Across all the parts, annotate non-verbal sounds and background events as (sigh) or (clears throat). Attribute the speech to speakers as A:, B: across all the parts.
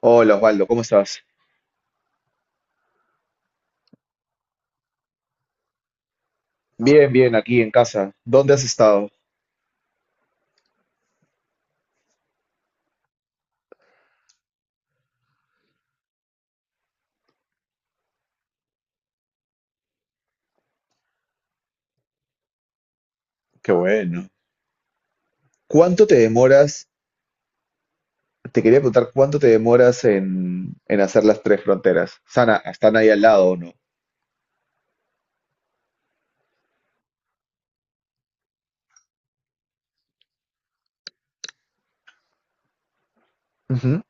A: Hola Osvaldo, ¿cómo estás? Bien, bien, aquí en casa. ¿Dónde has estado? Qué bueno. ¿Cuánto te demoras? Te quería preguntar, ¿cuánto te demoras en hacer las tres fronteras? ¿Sana, están ahí al lado o no? Ujú,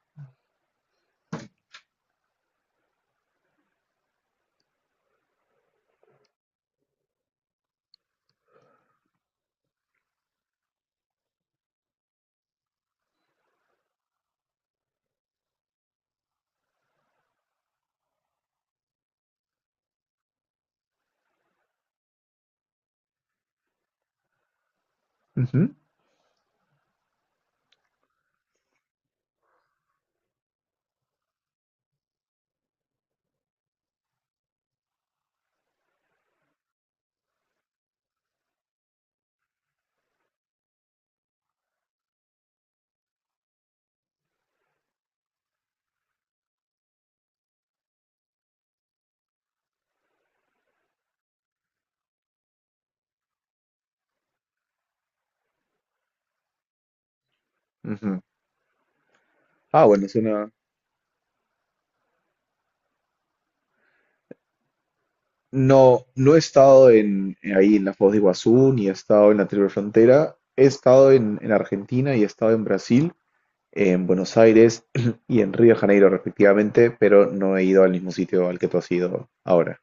A: ujú, ujú. Ah, bueno, es una. No, no he estado ahí en la Foz de Iguazú, ni he estado en la Triple Frontera. He estado en Argentina y he estado en Brasil, en Buenos Aires (clears throat) y en Río de Janeiro, respectivamente, pero no he ido al mismo sitio al que tú has ido ahora.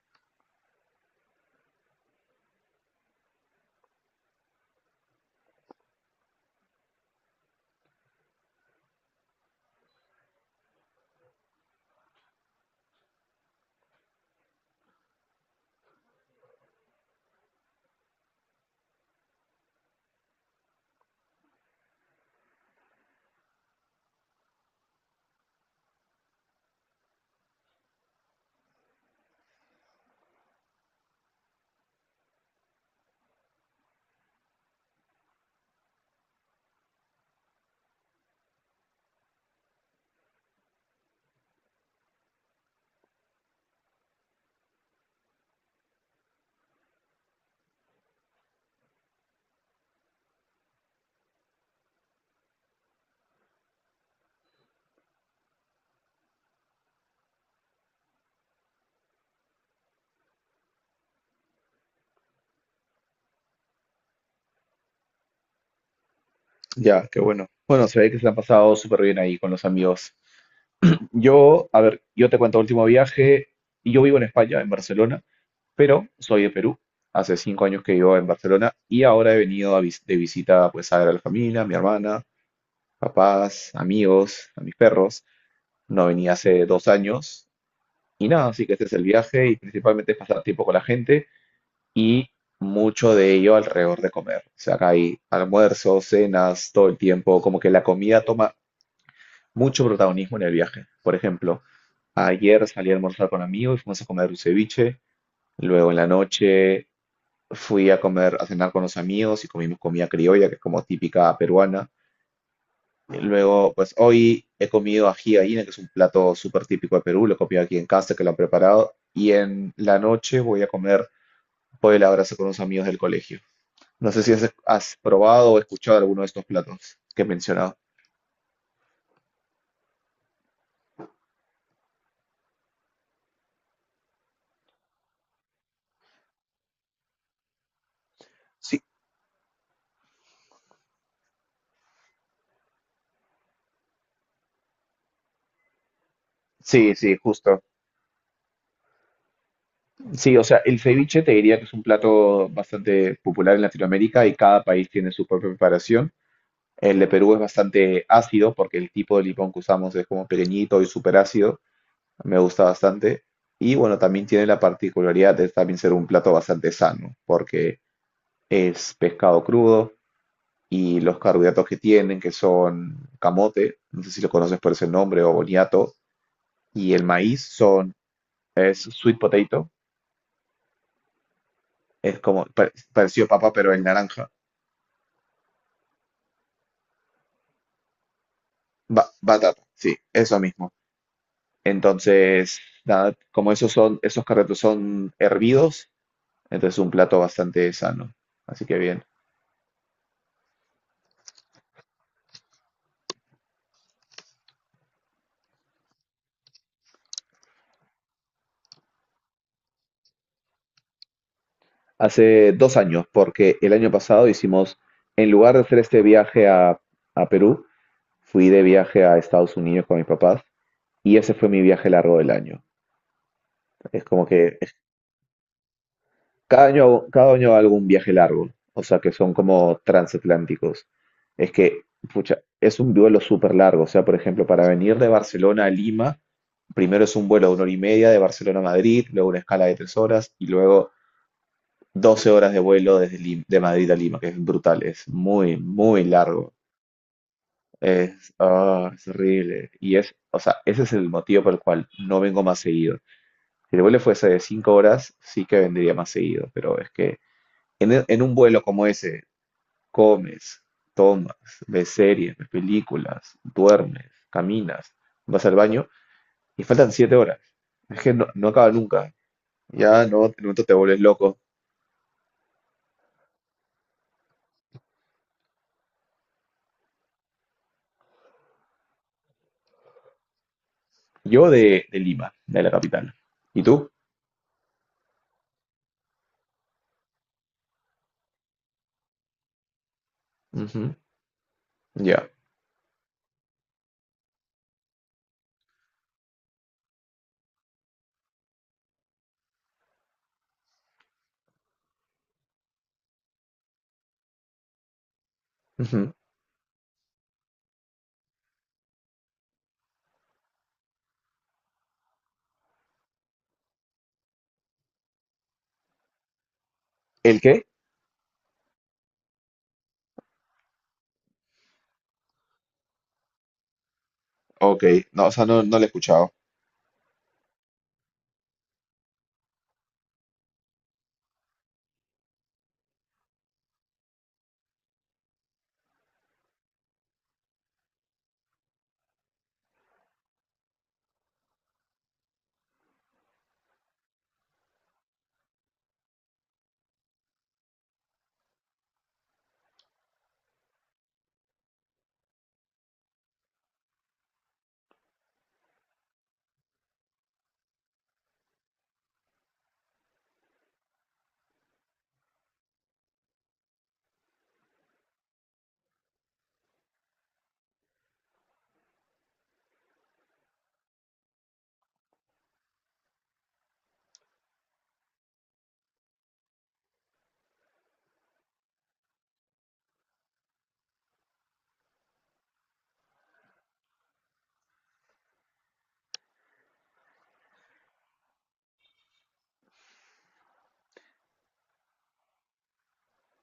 A: Ya, qué bueno. Bueno, se ve que se la han pasado súper bien ahí con los amigos. Yo, a ver, yo te cuento el último viaje. Yo vivo en España, en Barcelona, pero soy de Perú. Hace 5 años que vivo en Barcelona y ahora he venido a de visita, pues a ver a la familia, a mi hermana, papás, amigos, a mis perros. No venía hace 2 años y nada, así que este es el viaje y principalmente es pasar tiempo con la gente y mucho de ello alrededor de comer. O sea, acá hay almuerzos, cenas, todo el tiempo, como que la comida toma mucho protagonismo en el viaje. Por ejemplo, ayer salí a almorzar con amigos y fuimos a comer un ceviche. Luego en la noche fui a comer, a cenar con los amigos y comimos comida criolla, que es como típica peruana. Y luego, pues hoy he comido ají de gallina, que es un plato súper típico de Perú, lo he comido aquí en casa, que lo han preparado. Y en la noche voy a comer pollo a la brasa con unos amigos del colegio. No sé si has probado o escuchado alguno de estos platos que he mencionado. Sí, sí, sí, justo. Sí, o sea, el ceviche te diría que es un plato bastante popular en Latinoamérica y cada país tiene su propia preparación. El de Perú es bastante ácido porque el tipo de limón que usamos es como pequeñito y súper ácido. Me gusta bastante. Y bueno, también tiene la particularidad de también ser un plato bastante sano porque es pescado crudo y los carbohidratos que tienen, que son camote, no sé si lo conoces por ese nombre, o boniato, y el maíz son es sweet potato, es como parecido a papa pero en naranja. Batata, sí, eso mismo. Entonces, nada, como esos son, esos carretos son hervidos, entonces un plato bastante sano. Así que bien. Hace dos años, porque el año pasado hicimos, en lugar de hacer este viaje a Perú, fui de viaje a Estados Unidos con mis papás y ese fue mi viaje largo del año. Es como que cada año hago un viaje largo, o sea que son como transatlánticos. Es que, pucha, es un vuelo súper largo, o sea, por ejemplo, para venir de Barcelona a Lima, primero es un vuelo de 1 hora y media de Barcelona a Madrid, luego una escala de 3 horas y luego 12 horas de vuelo desde de Madrid a Lima, que es brutal, es muy, muy largo. Es horrible. Y es, o sea, ese es el motivo por el cual no vengo más seguido. Si el vuelo fuese de 5 horas, sí que vendría más seguido, pero es que en un vuelo como ese, comes, tomas, ves series, ves películas, duermes, caminas, vas al baño y faltan 7 horas. Es que no, no acaba nunca. Ya no, en un momento te vuelves loco. Yo de Lima, de la capital. ¿Y tú? Ujú, ya, ujú. ¿El qué? Ok, no, o sea, no lo he escuchado.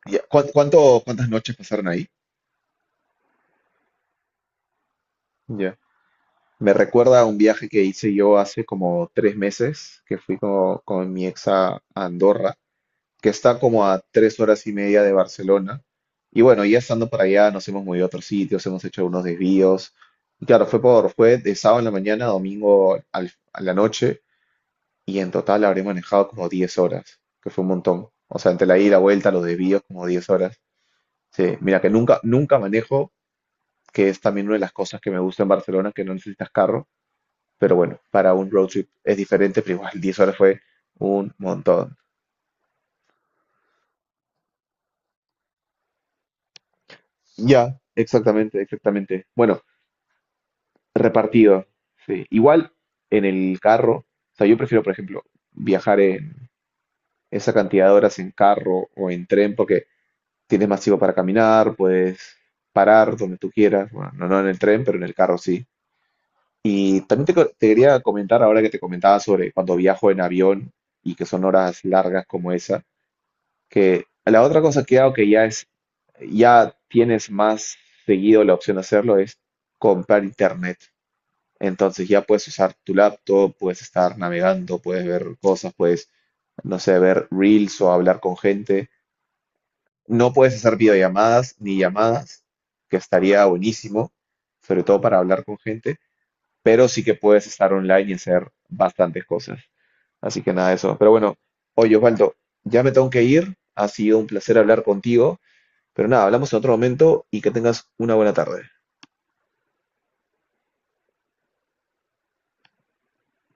A: Ya, ¿Cuántas noches pasaron ahí? Ya. Me recuerda a un viaje que hice yo hace como 3 meses, que fui con mi ex a Andorra, que está como a 3 horas y media de Barcelona. Y bueno, ya estando para allá, nos hemos movido a otros sitios, hemos hecho unos desvíos. Y claro, fue de sábado en la mañana a domingo a la noche, y en total habré manejado como 10 horas, que fue un montón. O sea, entre la ida, y la vuelta, los desvíos, como 10 horas. Sí, mira que nunca, nunca manejo, que es también una de las cosas que me gusta en Barcelona, que no necesitas carro. Pero bueno, para un road trip es diferente, pero igual 10 horas fue un montón. Ya, exactamente, exactamente. Bueno, repartido. Sí. Igual en el carro, o sea, yo prefiero, por ejemplo, viajar en esa cantidad de horas en carro o en tren porque tienes más tiempo para caminar, puedes parar donde tú quieras, bueno, no en el tren, pero en el carro sí. Y también te quería comentar ahora que te comentaba sobre cuando viajo en avión y que son horas largas como esa, que la otra cosa que hago que ya es, ya tienes más seguido la opción de hacerlo es comprar internet. Entonces ya puedes usar tu laptop, puedes estar navegando, puedes ver cosas, puedes, no sé, ver reels o hablar con gente. No puedes hacer videollamadas ni llamadas, que estaría buenísimo, sobre todo para hablar con gente, pero sí que puedes estar online y hacer bastantes cosas. Así que nada de eso. Pero bueno, oye Osvaldo, ya me tengo que ir. Ha sido un placer hablar contigo, pero nada, hablamos en otro momento y que tengas una buena tarde.